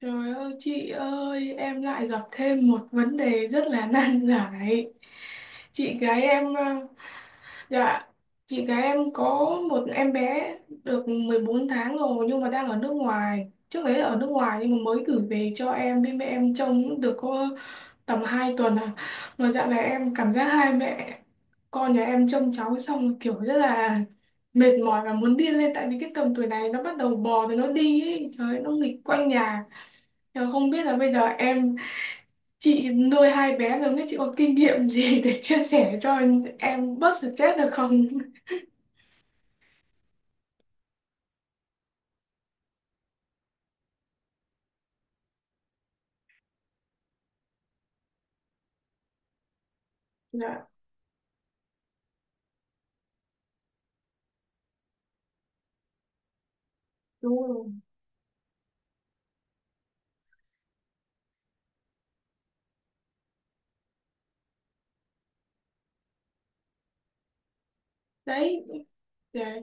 Trời ơi chị ơi, em lại gặp thêm một vấn đề rất là nan giải. Chị gái em, à, dạ, chị gái em có một em bé được 14 tháng rồi, nhưng mà đang ở nước ngoài. Trước đấy là ở nước ngoài nhưng mà mới gửi về cho em với mẹ em trông cũng được có tầm 2 tuần à. Mà dạo này em cảm giác hai mẹ con nhà em trông cháu xong kiểu rất là mệt mỏi và muốn điên lên, tại vì cái tầm tuổi này nó bắt đầu bò rồi nó đi ấy. Trời ơi, nó nghịch quanh nhà. Ờ, không biết là bây giờ em, chị nuôi hai bé lớn đấy, chị có kinh nghiệm gì để chia sẻ cho em bớt stress được không? Dạ, đúng rồi. Đấy, để,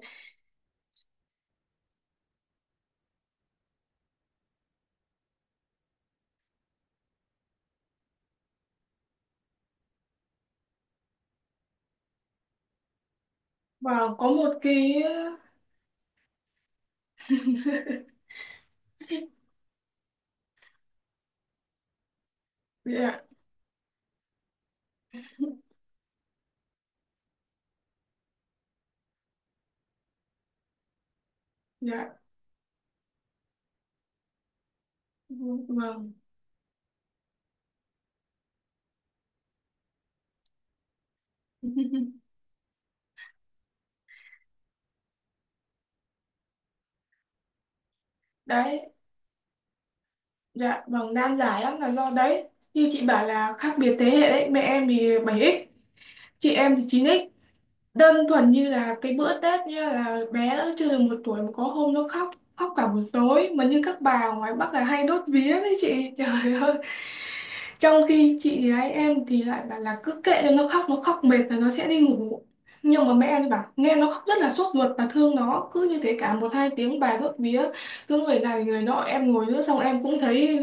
và có một cái. Dạ, dạ vâng. Đấy, dạ vâng, nan giải lắm là do đấy. Như chị bảo là khác biệt thế hệ đấy, mẹ em thì 7X, chị em thì 9X. Đơn thuần như là cái bữa Tết, như là bé nó chưa được 1 tuổi mà có hôm nó khóc, khóc cả buổi tối. Mà như các bà ngoài Bắc là hay đốt vía đấy chị, trời ơi. Trong khi chị gái em thì lại bảo là cứ kệ cho nó khóc, nó khóc mệt là nó sẽ đi ngủ, nhưng mà mẹ em thì bảo nghe nó khóc rất là sốt ruột và thương nó, cứ như thế cả 1-2 tiếng, bà đốt vía cứ người này người nọ. Em ngồi nữa xong em cũng thấy,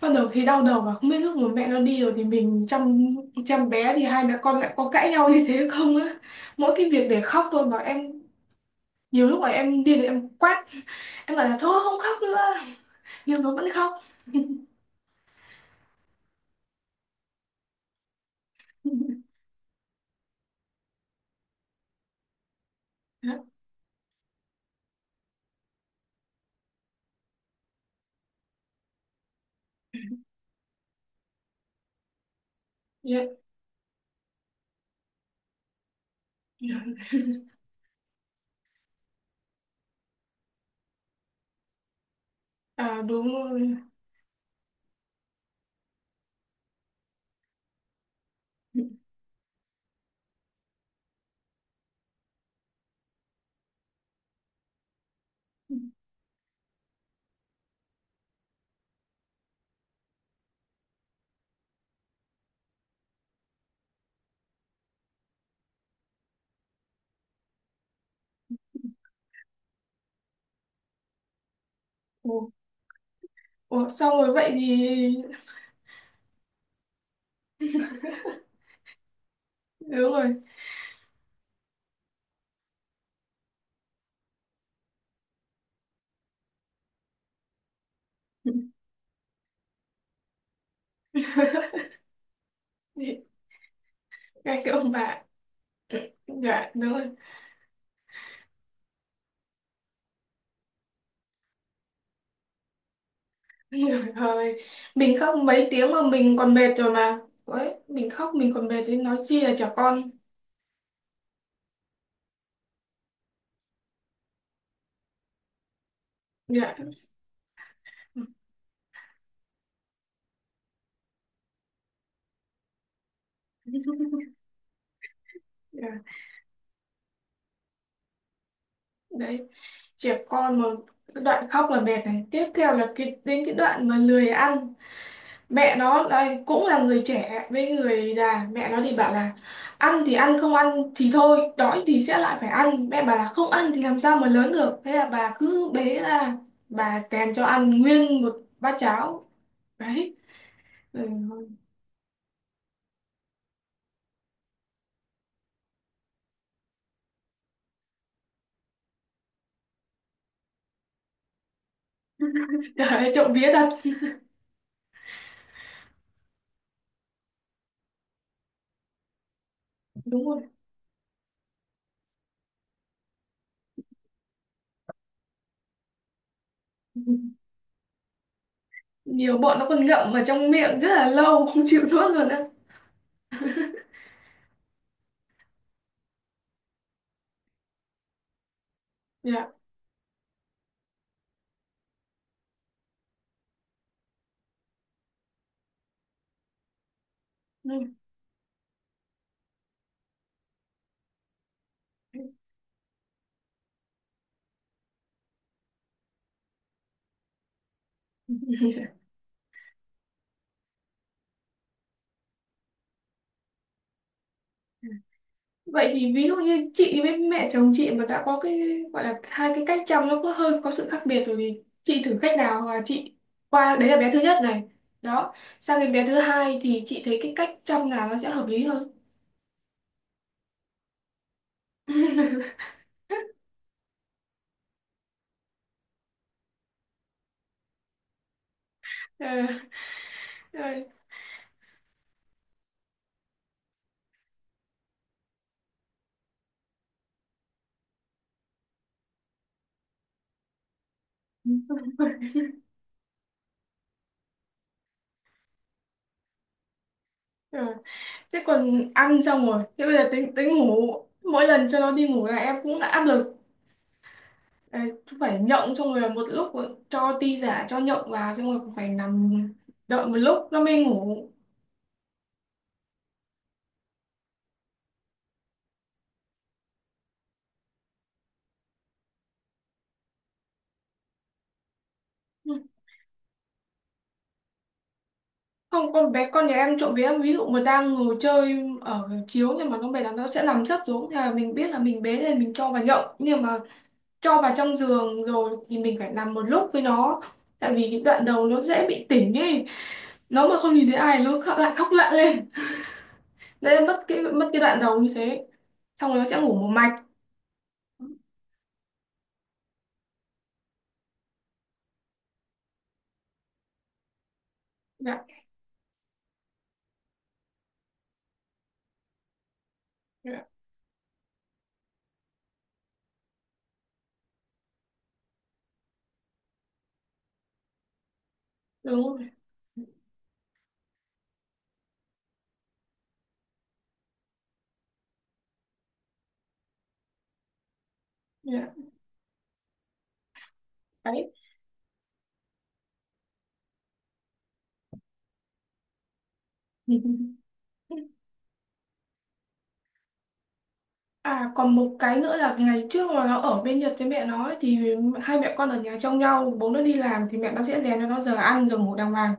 bắt đầu thấy đau đầu, mà không biết lúc mà mẹ nó đi rồi thì mình chăm chăm bé thì hai mẹ con lại có cãi nhau như thế không á? Mỗi cái việc để khóc thôi mà em nhiều lúc mà em điên thì em quát, em bảo là thôi không khóc nữa, nhưng nó vẫn khóc. Dạ, dạ, dạ. À, đúng rồi. Ồ, ồ, xong rồi vậy thì. Đúng rồi. Dạ, ngay cái ông bà. Dạ đúng rồi. Trời ơi, mình khóc mấy tiếng mà mình còn mệt rồi mà. Đấy, mình khóc mình còn mệt thì nói chi là trẻ con. Dạ. Dạ. Đấy, trẻ con mà. Cái đoạn khóc là mệt này, tiếp theo là cái đến cái đoạn mà lười ăn. Mẹ nó đây cũng là người trẻ với người già, mẹ nó thì bảo là ăn thì ăn, không ăn thì thôi, đói thì sẽ lại phải ăn. Mẹ bảo là không ăn thì làm sao mà lớn được, thế là bà cứ bế ra bà kèm cho ăn nguyên một bát cháo. Đấy, ừ. Trời ơi, trộm vía thật. Đúng rồi. Nhiều bọn nó còn ngậm ở trong miệng rất là lâu không chịu nuốt luôn á. Dạ. Ừ. Vậy thì ví dụ như chị với mẹ chồng chị mà đã có cái gọi là hai cái cách chăm, nó có hơi có sự khác biệt rồi, thì chị thử cách nào, hoặc là chị qua đấy là bé thứ nhất này, đó, sang đến bé thứ hai thì chị thấy cái cách chăm nào nó sẽ hợp lý hơn? Ờ, ờ, ờ. Thế còn ăn xong rồi thế bây giờ tính tính ngủ, mỗi lần cho nó đi ngủ là em cũng đã áp lực. Ờ, cũng phải nhộng xong rồi một lúc cho ti giả cho nhộng vào, xong rồi cũng phải nằm đợi một lúc nó mới ngủ. Ừ. Không, con bé con nhà em trộm vía em ví dụ mà đang ngồi chơi ở chiếu, nhưng mà con bé đó nó sẽ nằm sấp xuống thì là mình biết là mình bế lên mình cho vào nhậu, nhưng mà cho vào trong giường rồi thì mình phải nằm một lúc với nó, tại vì cái đoạn đầu nó dễ bị tỉnh ấy, nó mà không nhìn thấy ai nó khóc- lại khóc lạ lên, nên mất cái đoạn đầu như thế, xong rồi nó sẽ ngủ một mạch. Dạ, dạ đúng rồi. Dạ, đấy. À còn một cái nữa là ngày trước mà nó ở bên Nhật với mẹ nó ấy, thì hai mẹ con ở nhà trông nhau, bố nó đi làm, thì mẹ nó sẽ rèn cho nó giờ ăn giờ ngủ đàng hoàng.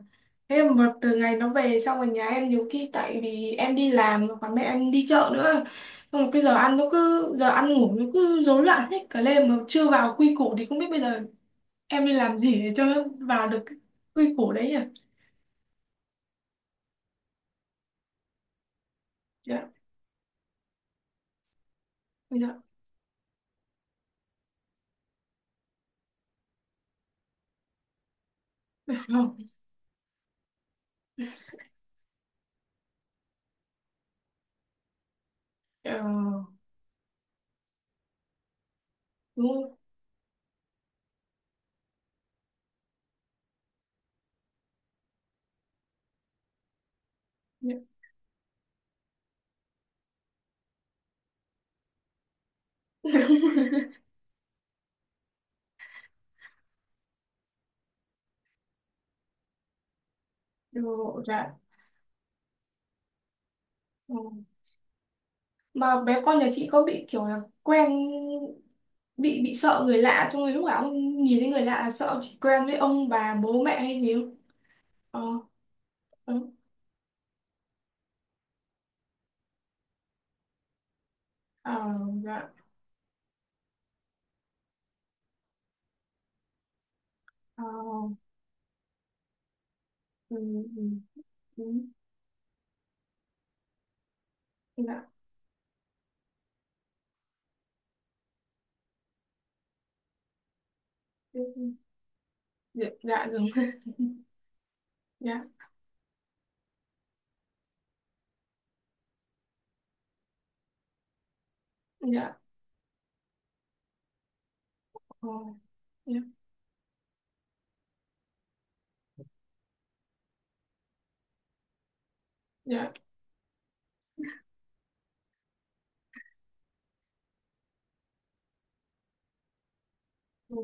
Thế mà từ ngày nó về xong ở nhà em, nhiều khi tại vì em đi làm và mẹ em đi chợ nữa, xong rồi cái giờ ăn ngủ nó cứ rối loạn hết cả lên mà chưa vào quy củ, thì không biết bây giờ em đi làm gì để cho nó vào được cái quy củ đấy nhỉ. Dạ, dạ. Ờ, đúng rồi. Dạ. Dạ. Ờ. Mà bé con nhà chị có bị kiểu là quen, bị sợ người lạ, xong rồi lúc nào cũng nhìn thấy người lạ là sợ, chỉ quen với ông bà bố mẹ hay gì không? Ờ, ừ. Ờ, dạ, ờ, ừ, ừ, ừ, ừ, dạ, ừ, ừ. Dạ, dạ, đúng. Dạ, dạ, ờ, dạ, dạ, ừ,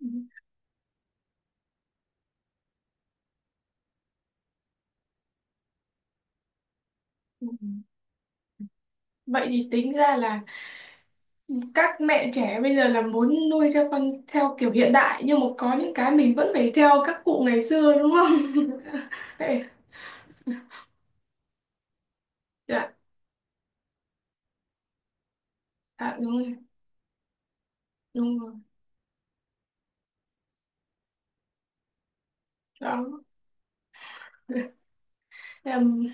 ừ, ừ. Vậy thì tính ra là các mẹ trẻ bây giờ là muốn nuôi cho con theo kiểu hiện đại, nhưng mà có những cái mình vẫn phải theo các cụ ngày xưa đúng không? Vậy- dạ, dạ đúng rồi, đúng rồi. Đó. Em.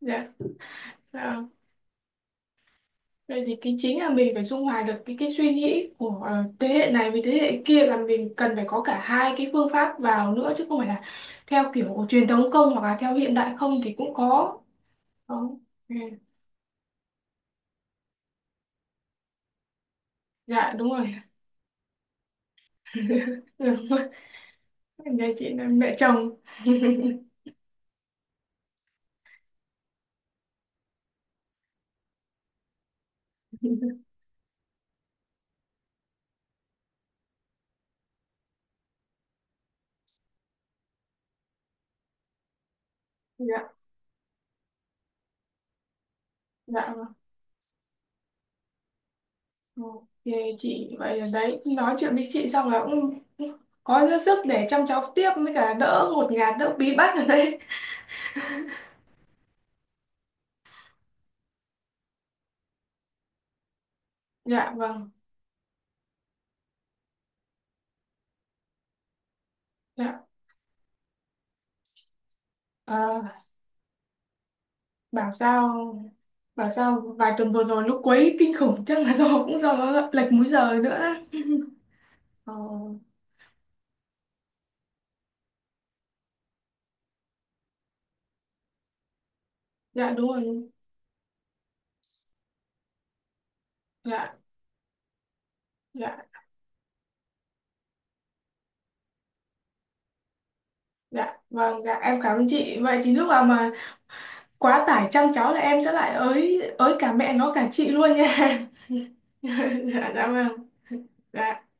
Dạ, đó. Vậy thì cái chính là mình phải dung hòa được cái suy nghĩ của, ờ, thế hệ này với thế hệ kia, là mình cần phải có cả hai cái phương pháp vào nữa, chứ không phải là theo kiểu truyền thống không, hoặc là theo hiện đại không thì cũng có. Đó. Ừ. Dạ, đúng rồi. Đúng rồi. Nhà chị là mẹ chồng. Dạ, dạ vâng. OK chị. Vậy là đấy, nói chuyện với chị xong là cũng có dư sức để chăm cháu tiếp, với cả đỡ ngột ngạt, đỡ bí bách ở đây. Dạ vâng, dạ. À, bảo sao bảo sao vài tuần vừa rồi lúc quấy kinh khủng, chắc là do, cũng do nó lệch múi giờ nữa. Đấy. Ờ, dạ đúng rồi. Dạ, dạ, dạ. Vâng, dạ em cảm ơn chị. Vậy thì lúc nào mà quá tải chăm cháu là em sẽ lại ới ới cả mẹ nó cả chị luôn nha. Dạ, dạ vâng. Dạ.